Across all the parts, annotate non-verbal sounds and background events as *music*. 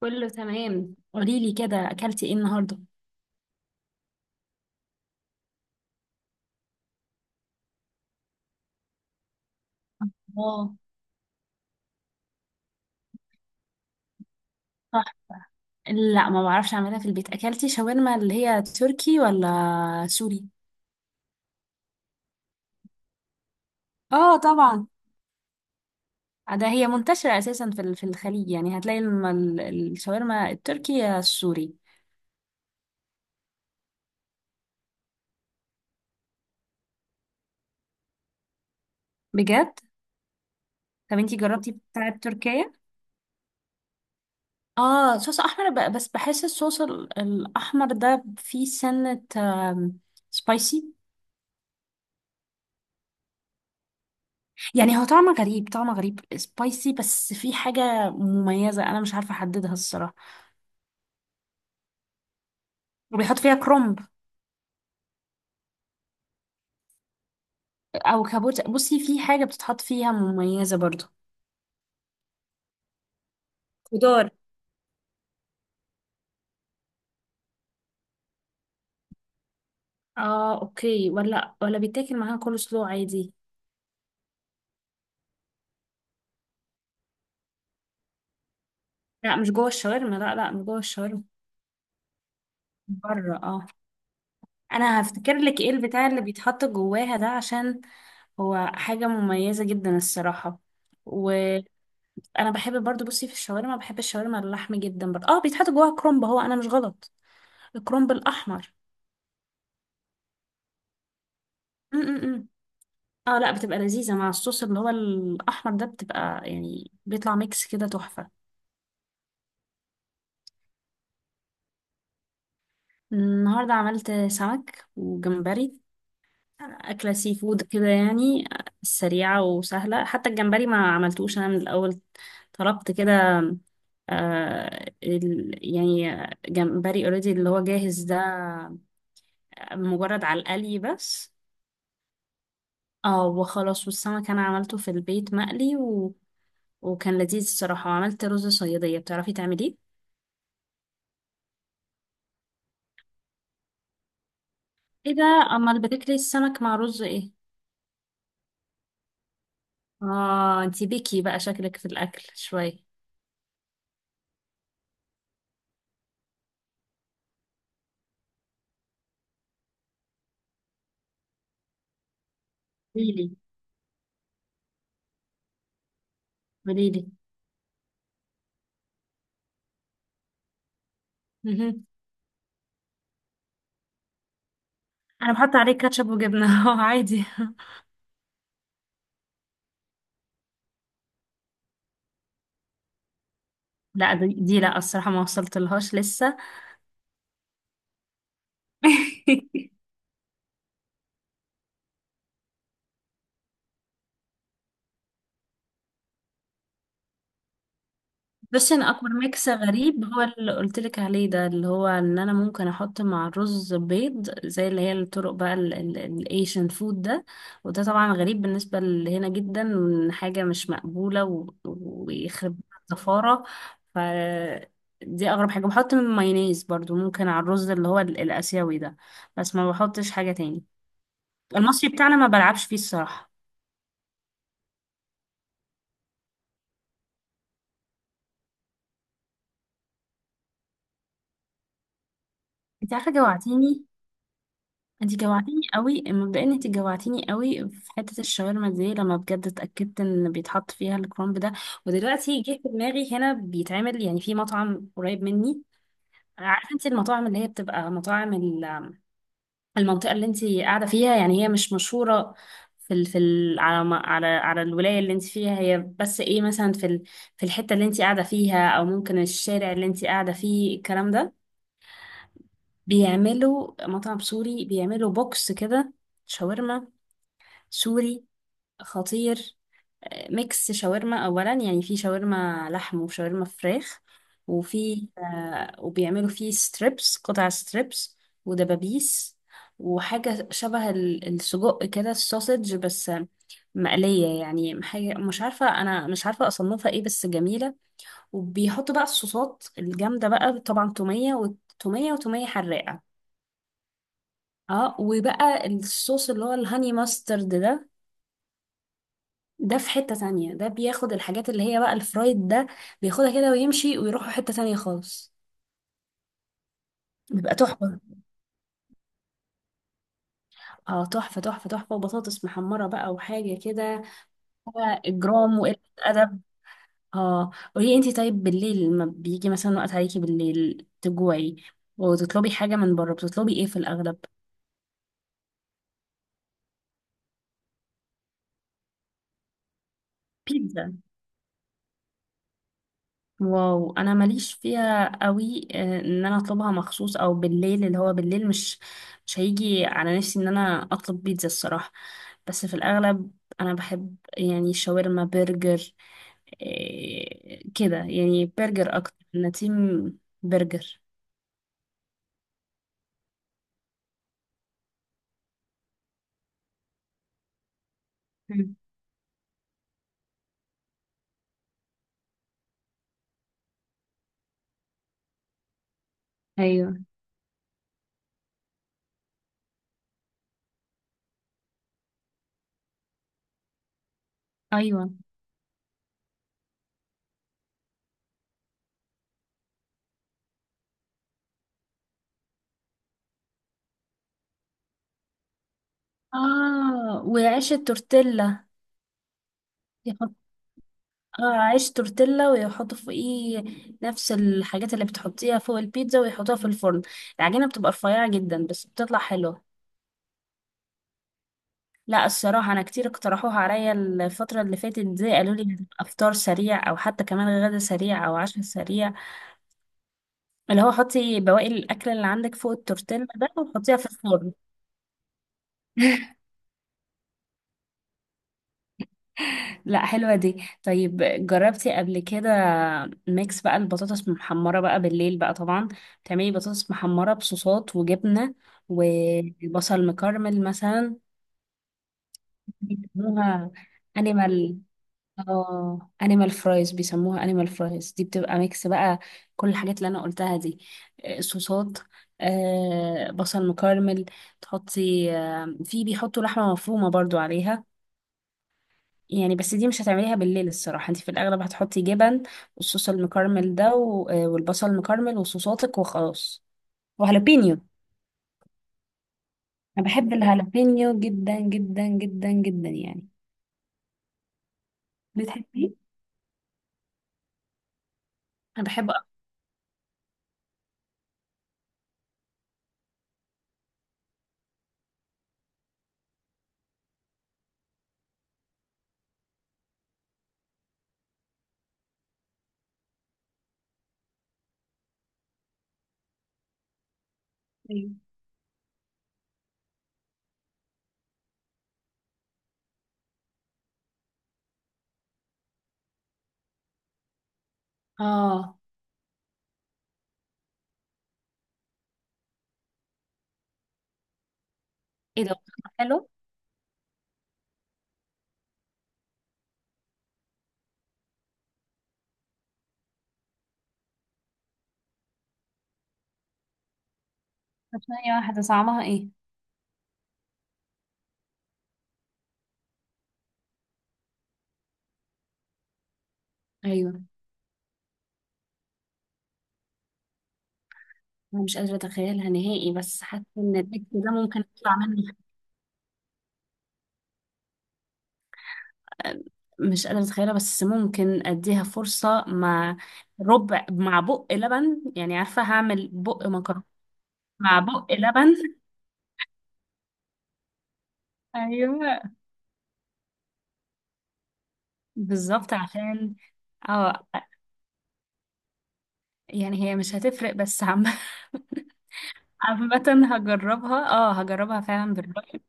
كله تمام، قولي لي كده اكلتي ايه النهارده؟ اه. صح. لا، ما بعرفش اعملها في البيت. اكلتي شاورما اللي هي تركي ولا سوري؟ اه طبعا. ده هي منتشرة اساسا في الخليج، يعني هتلاقي الشاورما التركي يا السوري. بجد؟ طب انتي جربتي بتاعة تركيا؟ اه، صوص احمر، بس بحس الصوص الاحمر ده فيه سنة، سبايسي. يعني هو طعمه غريب، طعمه غريب سبايسي، بس فيه حاجة مميزة انا مش عارفة احددها الصراحة. وبيحط فيها كرومب او كابوت. بصي، في حاجه بتتحط فيها مميزه برضو. خضار. اه اوكي. ولا بيتاكل معاها كول سلو عادي؟ لا مش جوه الشاورما، لا لا مش جوه الشاورما، بره. اه. انا هفتكر لك ايه البتاع اللي بيتحط جواها ده، عشان هو حاجه مميزه جدا الصراحه. وانا بحب برضو. بصي، في الشاورما بحب الشاورما اللحم جدا برضو. اه بيتحط جواها كرومب، هو انا مش غلط، الكرومب الاحمر. م -م -م. اه لا، بتبقى لذيذة مع الصوص اللي هو الأحمر ده، بتبقى يعني بيطلع ميكس كده تحفة. النهاردة عملت سمك وجمبري، أكلة سي فود كده يعني، سريعة وسهلة. حتى الجمبري ما عملتوش أنا من الأول، طلبت كده. آه يعني جمبري اوريدي اللي هو جاهز ده، مجرد على القلي بس. اه وخلاص. والسمك أنا عملته في البيت مقلي و... وكان لذيذ الصراحة. وعملت رز صيادية، بتعرفي تعمليه؟ ايه ده! امال بتاكلي السمك مع رز ايه؟ اه انتي بيكي بقى، شكلك في الاكل شويه. قوليلي قوليلي. مهم. انا بحط عليه كاتشب وجبنه *laughs* عادي. لا، دي لا الصراحه ما وصلت لهاش لسه. *laughs* بس انا اكبر ميكس غريب هو اللي قلت لك عليه ده، اللي هو ان انا ممكن احط مع الرز بيض، زي اللي هي الطرق بقى الايشن فود ده. وده طبعا غريب بالنسبه لهنا جدا، حاجه مش مقبوله ويخرب الزفاره. ف دي اغرب حاجه. بحط من مايونيز برضو ممكن على الرز اللي هو الاسيوي ده، بس ما بحطش حاجه تاني. المصري بتاعنا ما بلعبش فيه الصراحه. انت عارفه جوعتيني! انت جوعتيني قوي مبدئيا، انت جوعتيني قوي في حته الشاورما دي لما بجد اتاكدت ان بيتحط فيها الكرنب ده. ودلوقتي جه في دماغي، هنا بيتعمل يعني في مطعم قريب مني. عارفه انت المطاعم اللي هي بتبقى مطاعم المنطقه اللي انت قاعده فيها، يعني هي مش مشهوره في ال في ال على على على الولايه اللي انت فيها، هي بس ايه مثلا في الحته اللي انت قاعده فيها او ممكن الشارع اللي انت قاعده فيه الكلام ده. بيعملوا مطعم سوري، بيعملوا بوكس كده. شاورما سوري خطير. ميكس شاورما، اولا يعني في شاورما لحم وشاورما فراخ. وفي وبيعملوا فيه ستريبس، قطع ستريبس ودبابيس وحاجة شبه السجق كده، السوسج، بس مقلية، يعني حاجة مش عارفة، أنا مش عارفة أصنفها إيه، بس جميلة. وبيحطوا بقى الصوصات الجامدة بقى طبعا، تومية وتومية وتومية حراقة. اه، وبقى الصوص اللي هو الهاني ماسترد ده، ده في حتة تانية، ده بياخد الحاجات اللي هي بقى الفرايد ده، بياخدها كده ويمشي ويروحوا حتة تانية خالص. بيبقى تحفة. اه تحفة تحفة تحفة. وبطاطس محمرة بقى وحاجة كده. إجرام وقلة أدب. اه قولي انتي، طيب بالليل لما بيجي مثلا وقت عليكي بالليل تجوعي وتطلبي حاجة من بره، بتطلبي ايه في الأغلب؟ بيتزا. واو انا ماليش فيها قوي، ان انا اطلبها مخصوص او بالليل، اللي هو بالليل مش هيجي على نفسي ان انا اطلب بيتزا الصراحة. بس في الأغلب أنا بحب يعني شاورما برجر، إيه كده، يعني برجر أكتر، أنا تيم برجر. مم. أيوه أيوه. آه وعيش التورتيلا. يحط، آه عيش تورتيلا، ويحطوا فوقيه نفس الحاجات اللي بتحطيها فوق البيتزا ويحطوها في الفرن. العجينة بتبقى رفيعة جدا بس بتطلع حلوة. لا الصراحة، أنا كتير اقترحوها عليا الفترة اللي فاتت دي، قالوا لي هتبقى فطار سريع أو حتى كمان غدا سريع أو عشاء سريع، اللي هو حطي بواقي الأكل اللي عندك فوق التورتيلا ده وحطيها في الفرن. *laughs* لا حلوة دي. طيب جربتي قبل كده ميكس بقى البطاطس محمرة بقى بالليل بقى طبعا؟ تعملي بطاطس محمرة بصوصات وجبنة وبصل مكرمل مثلا. بيسموها انيمال. اه انيمال فرايز، بيسموها انيمال فرايز، دي بتبقى ميكس بقى كل الحاجات اللي انا قلتها دي، صوصات، بصل مكرمل، تحطي، في بيحطوا لحمة مفرومة برضو عليها يعني. بس دي مش هتعمليها بالليل الصراحة، انت في الاغلب هتحطي جبن والصوص المكرمل ده والبصل المكرمل وصوصاتك وخلاص وهالبينيو. انا بحب الهالبينيو جدا جدا جدا جدا، يعني بتحبيه؟ انا بحبه أكتر. ايوه. اه. ايه ده؟ حلو. طب ثانية واحدة صعبها ايه؟ ايوه. انا مش قادره اتخيلها نهائي، بس حاسه ان النكت ده ممكن اطلع منه. أه، مش قادره اتخيلها، بس ممكن اديها فرصه مع ربع، مع بق لبن، يعني عارفه هعمل بق مكرونه مع بق لبن. ايوه بالظبط عشان اه. يعني هي مش هتفرق بس *laughs* عامة هجربها، اه هجربها فعلا بالرأي.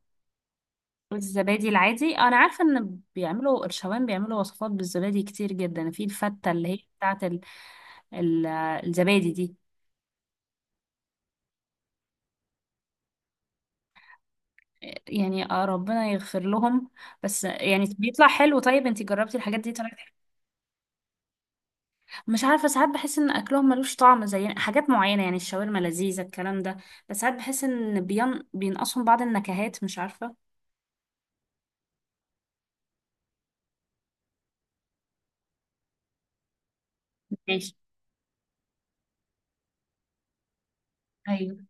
رز الزبادي العادي، انا عارفه ان بيعملوا الشوام، بيعملوا وصفات بالزبادي كتير جدا في الفته اللي هي بتاعه ال... الزبادي دي. يعني آه ربنا يغفر لهم، بس يعني بيطلع حلو. طيب انتي جربتي الحاجات دي طلعت حلو؟ مش عارفه، ساعات بحس ان اكلهم ملوش طعم زي حاجات معينه، يعني الشاورما لذيذه الكلام ده، بس ساعات بحس ان بينقصهم بعض النكهات، مش عارفه. ماشي. ايوه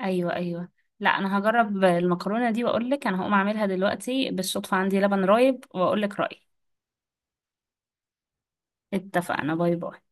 ايوه ايوه. لا انا هجرب المكرونه دي واقول لك. انا هقوم اعملها دلوقتي بالصدفه، عندي لبن رايب، واقول لك رايي. اتفقنا، باي باي.